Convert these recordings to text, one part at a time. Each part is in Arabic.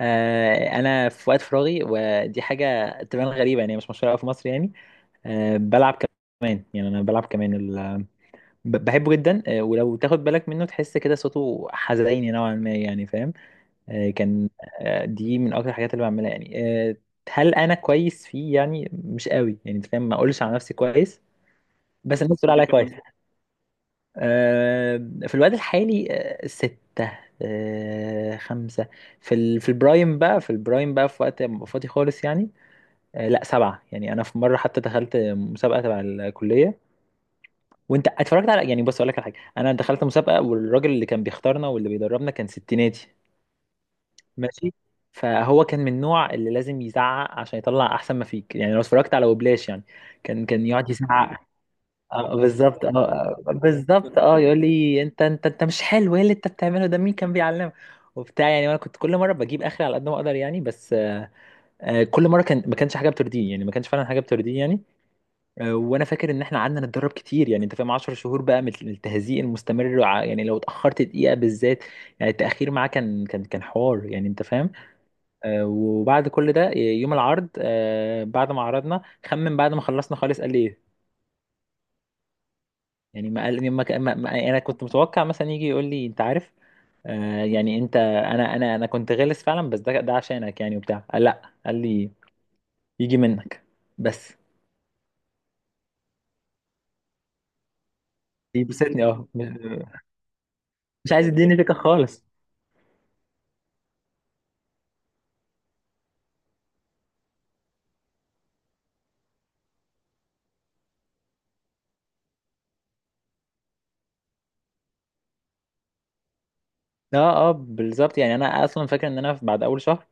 انا في وقت فراغي ودي حاجه تبان غريبه، يعني مش مشهوره أوي في مصر يعني. بلعب كمان، يعني انا بلعب كمان بحبه جدا. ولو تاخد بالك منه تحس كده صوته حزيني نوعا ما، يعني فاهم. آه، كان آه، دي من اكتر الحاجات اللي بعملها يعني. آه، هل انا كويس فيه؟ يعني مش قوي، يعني أنت فاهم، ما اقولش على نفسي كويس، بس الناس تقول عليا كويس. آه، في الوقت الحالي ستة، خمسة. في في البرايم بقى، في البرايم بقى في وقت ما أبقى فاضي خالص يعني. لا سبعة. يعني أنا في مرة حتى دخلت مسابقة تبع الكلية، وأنت اتفرجت على، يعني بص أقول لك على حاجة: أنا دخلت مسابقة، والراجل اللي كان بيختارنا واللي بيدربنا كان ستيناتي. ماشي، فهو كان من النوع اللي لازم يزعق عشان يطلع أحسن ما فيك يعني، لو اتفرجت على وبلاش يعني، كان يقعد يزعق. بالظبط اه. يقول لي، انت مش حلو، ايه اللي انت بتعمله ده، مين كان بيعلمك وبتاع، يعني انا كنت كل مره بجيب اخري على قد ما اقدر يعني، بس كل مره كان ما كانش حاجه بترضيه يعني، ما كانش فعلا حاجه بترضيه يعني. وانا فاكر ان احنا قعدنا نتدرب كتير يعني، انت فاهم، 10 شهور بقى من التهزيق المستمر. يعني لو اتاخرت دقيقه بالذات، يعني التاخير معاه كان حوار يعني، انت فاهم. وبعد كل ده يوم العرض، بعد ما عرضنا، خمن بعد ما خلصنا خالص قال لي ايه. يعني ما قال، ما يعني انا كنت متوقع مثلا يجي يقول لي انت عارف يعني انت، انا كنت غلس فعلا، بس ده عشانك يعني وبتاع. قال لا، قال لي يجي منك بس. يبسطني اه، مش عايز يديني فكره خالص. اه اه بالظبط، يعني انا اصلا فاكر ان انا بعد اول شهر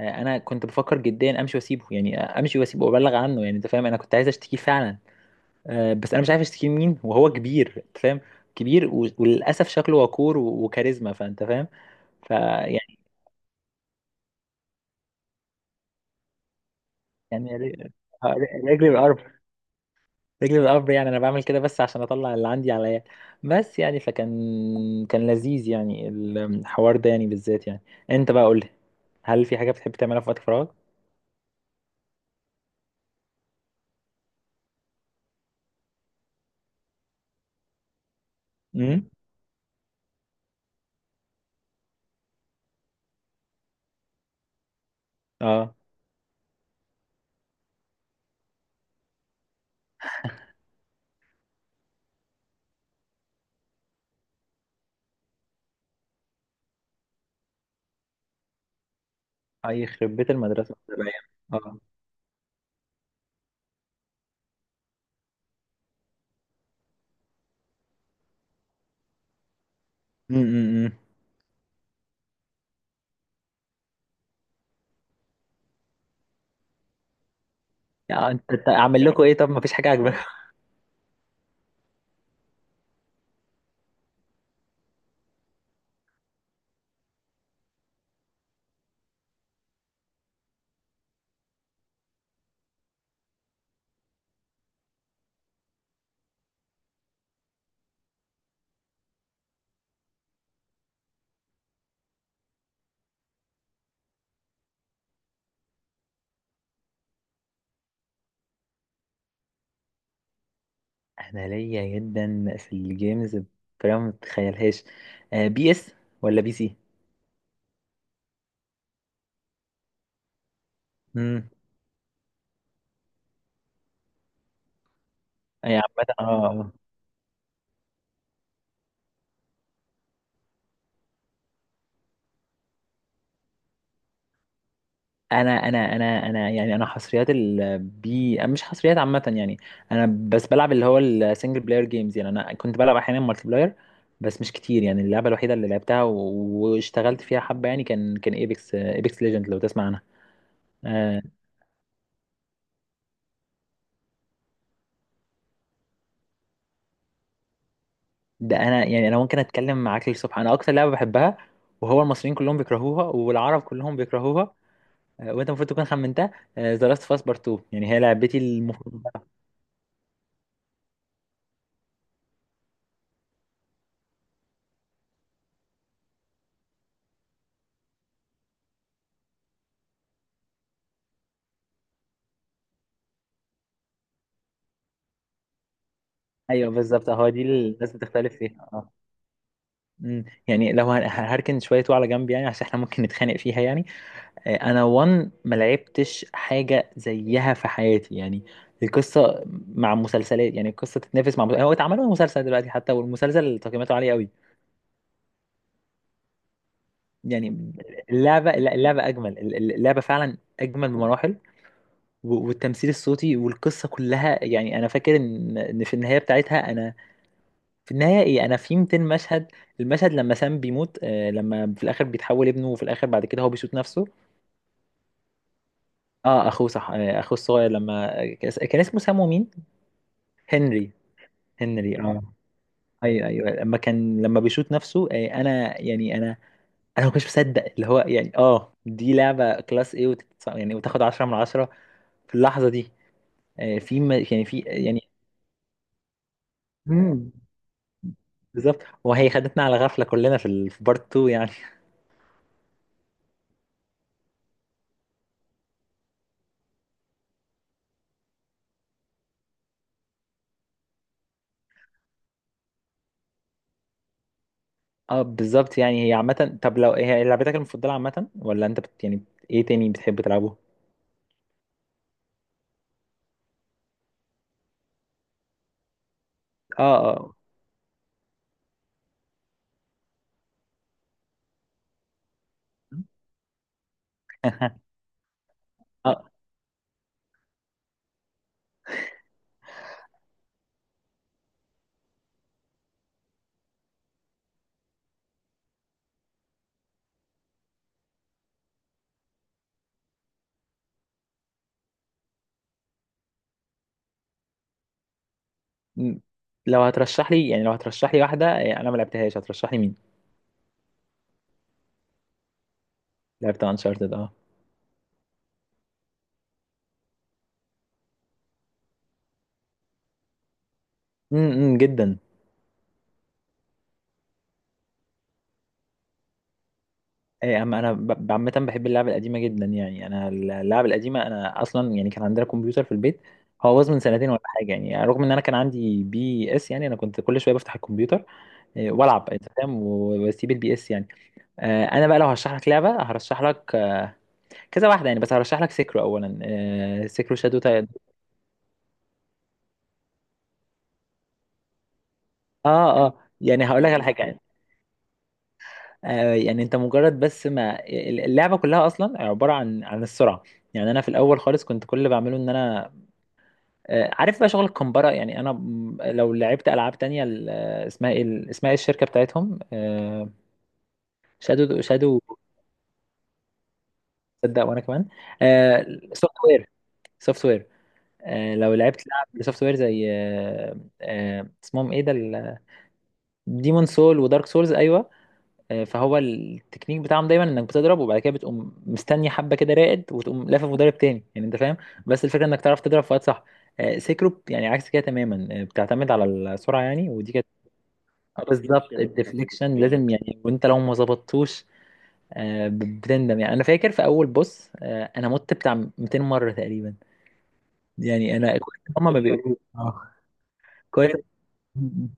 انا كنت بفكر جديا امشي واسيبه يعني، امشي واسيبه وابلغ عنه، يعني انت فاهم، انا كنت عايز اشتكيه فعلا. بس انا مش عارف اشتكيه لمين، وهو كبير، انت فاهم، كبير، وللاسف شكله وقور وكاريزما، فانت فاهم. فيعني، يعني ر- رجلي بالقرب، رجلي بالقرب، يعني انا بعمل كده بس عشان اطلع اللي عندي عليا بس. يعني فكان لذيذ يعني الحوار ده يعني بالذات يعني. انت بقى قول لي، هل في حاجه بتحب تعملها في وقت فراغك؟ امم. اه. اي يخرب بيت المدرسه. اه. امم. يعني انت اعمل لكم ايه؟ طب ما فيش حاجه عاجباكم؟ انا ليا جدا في الجيمز، بطريقه ما تتخيلهاش. آه، بي اس ولا بي سي؟ امم. اي عامه اه. آه. انا يعني انا حصريات البي، مش حصريات عامه يعني. انا بس بلعب اللي هو السنجل بلاير جيمز، يعني انا كنت بلعب احيانا مالتي بلاير بس مش كتير، يعني اللعبه الوحيده اللي لعبتها واشتغلت فيها حبه يعني، كان ايبكس، ايبكس ليجند، لو تسمع عنها. آه، ده انا يعني انا ممكن اتكلم معاك للصبح، انا اكتر لعبه بحبها، وهو المصريين كلهم بيكرهوها والعرب كلهم بيكرهوها. وانت المفروض تكون خمنتها: ذا لاست اوف اس بارت 2، يعني هي لعبتي المفضله. ايوه بالظبط اهو، دي اللي الناس بتختلف فيها اه. أمم، يعني هركن شويه على جنب، يعني عشان احنا ممكن نتخانق فيها يعني. انا وان ما لعبتش حاجه زيها في حياتي يعني. القصه مع مسلسلات، يعني القصه تتنافس مع مسلسل، هو اتعمل له مسلسل دلوقتي حتى، والمسلسل تقييماته عاليه قوي يعني. اللعبة، لا، اللعبة أجمل، اللعبة فعلا أجمل بمراحل. والتمثيل الصوتي والقصة كلها، يعني أنا فاكر إن في النهاية بتاعتها أنا، في النهاية إيه أنا، في 200 مشهد، المشهد لما سام بيموت، لما في الآخر بيتحول ابنه، وفي الآخر بعد كده هو بيشوط نفسه. أه أخوه، صح، أخوه الصغير، لما كان اسمه سام ومين؟ هنري. هنري أه. ايوه ايوه، لما كان لما بيشوط نفسه، انا يعني انا ما كنتش مصدق اللي هو يعني، اه دي لعبه كلاس ايه، يعني وتاخد 10 من 10 في اللحظه دي. يعني في يعني. مم. بالظبط. وهي خدتنا على غفله كلنا في بارت 2 يعني. اه بالظبط، يعني هي عامه، طب لو هي لعبتك المفضله عامه، ولا انت بت يعني ايه تاني بتحب تلعبه؟ اه اه. اه م- لو هترشح لي، يعني لو هترشح لي واحده انا ما لعبتهاش، هترشح لي مين؟ لعبت انشارتد اه. جدا. ايه يا عم، انا عامه بحب اللعبه القديمه جدا، يعني انا اللعبه القديمه، انا اصلا يعني كان عندنا كمبيوتر في البيت، هو باظ من سنتين ولا حاجه يعني، رغم ان انا كان عندي بي اس، يعني انا كنت كل شويه بفتح الكمبيوتر، إيه، والعب انت فاهم، واسيب البي اس يعني. انا بقى لو هرشح لك لعبه، هرشح لك كذا واحده يعني، بس هرشح لك سيكرو اولا، سيكرو شادو تايد. اه اه، يعني هقول لك على حاجه يعني، يعني انت مجرد بس ما، اللعبه كلها اصلا عباره عن السرعه، يعني انا في الاول خالص كنت كل اللي بعمله ان انا، عارف بقى شغل الكمبرة، يعني انا لو لعبت العاب تانية اسمها ايه، اسمها ايه الشركة بتاعتهم، آه، شادو شادو تصدق وانا كمان. سوفت وير سوفت وير. لو لعبت لعب سوفت وير زي اسمهم ايه ده، ديمون سول ودارك سولز ايوه. فهو التكنيك بتاعهم دايما انك بتضرب، وبعد كده بتقوم مستني حبه كده راقد، وتقوم لافف مضرب تاني، يعني انت فاهم، بس الفكره انك تعرف تضرب في وقت صح. سيكرو يعني عكس كده تماما، بتعتمد على السرعه، يعني ودي كانت، بالظبط الديفليكشن لازم يعني، وانت لو ما ظبطتوش بتندم يعني. انا فاكر في اول بص، انا مت بتاع 200 مره تقريبا، يعني انا كويس إن هما ما بيقولوا. كويس. امم.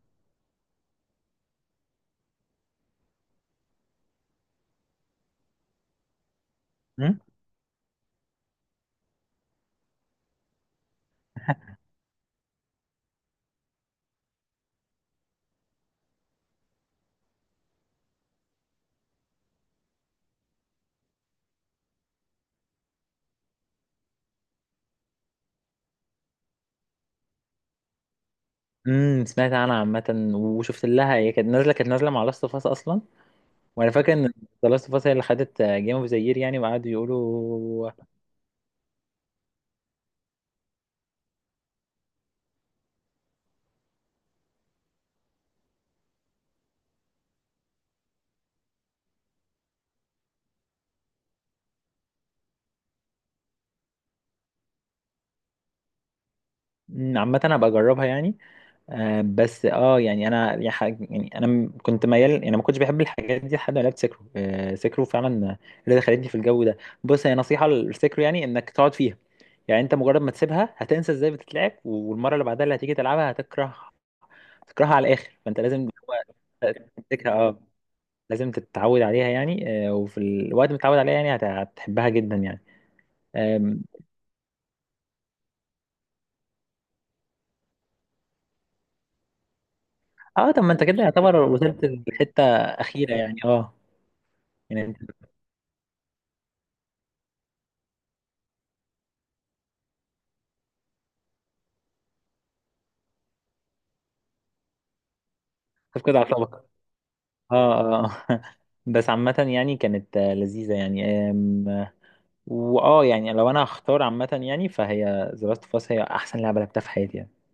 أمم، سمعت عنها عامه وشفت لها، هي كانت نازله، كانت نازله مع لاست اوف اس اصلا. وانا فاكر ان لاست اوف اس هي اللي خدت جيم اوف ذا يير يعني، وقعدوا يقولوا. أمم، عامه هبقى اجربها يعني. آه بس اه، يعني انا يعني انا كنت ميال، يعني أنا ما كنتش بحب الحاجات دي لحد ما لعبت سكرو، آه سكرو فعلا اللي دخلتني في الجو ده. بص، هي نصيحه للسكرو، يعني انك تقعد فيها، يعني انت مجرد ما تسيبها هتنسى ازاي بتتلعب، والمره اللي بعدها اللي هتيجي تلعبها هتكره، تكرهها على الاخر، فانت لازم تمسكها اه، لازم تتعود عليها يعني، وفي الوقت ما تتعود عليها يعني هتحبها جدا يعني. آم، اه طب ما انت كده يعتبر وصلت لحته اخيره يعني اه. يعني انت بتفقد اعصابك. اه اه. بس عامة يعني كانت لذيذة يعني. آم، واه يعني لو انا هختار عامة، يعني فهي The Last of Us هي احسن لعبة لعبتها في حياتي يعني.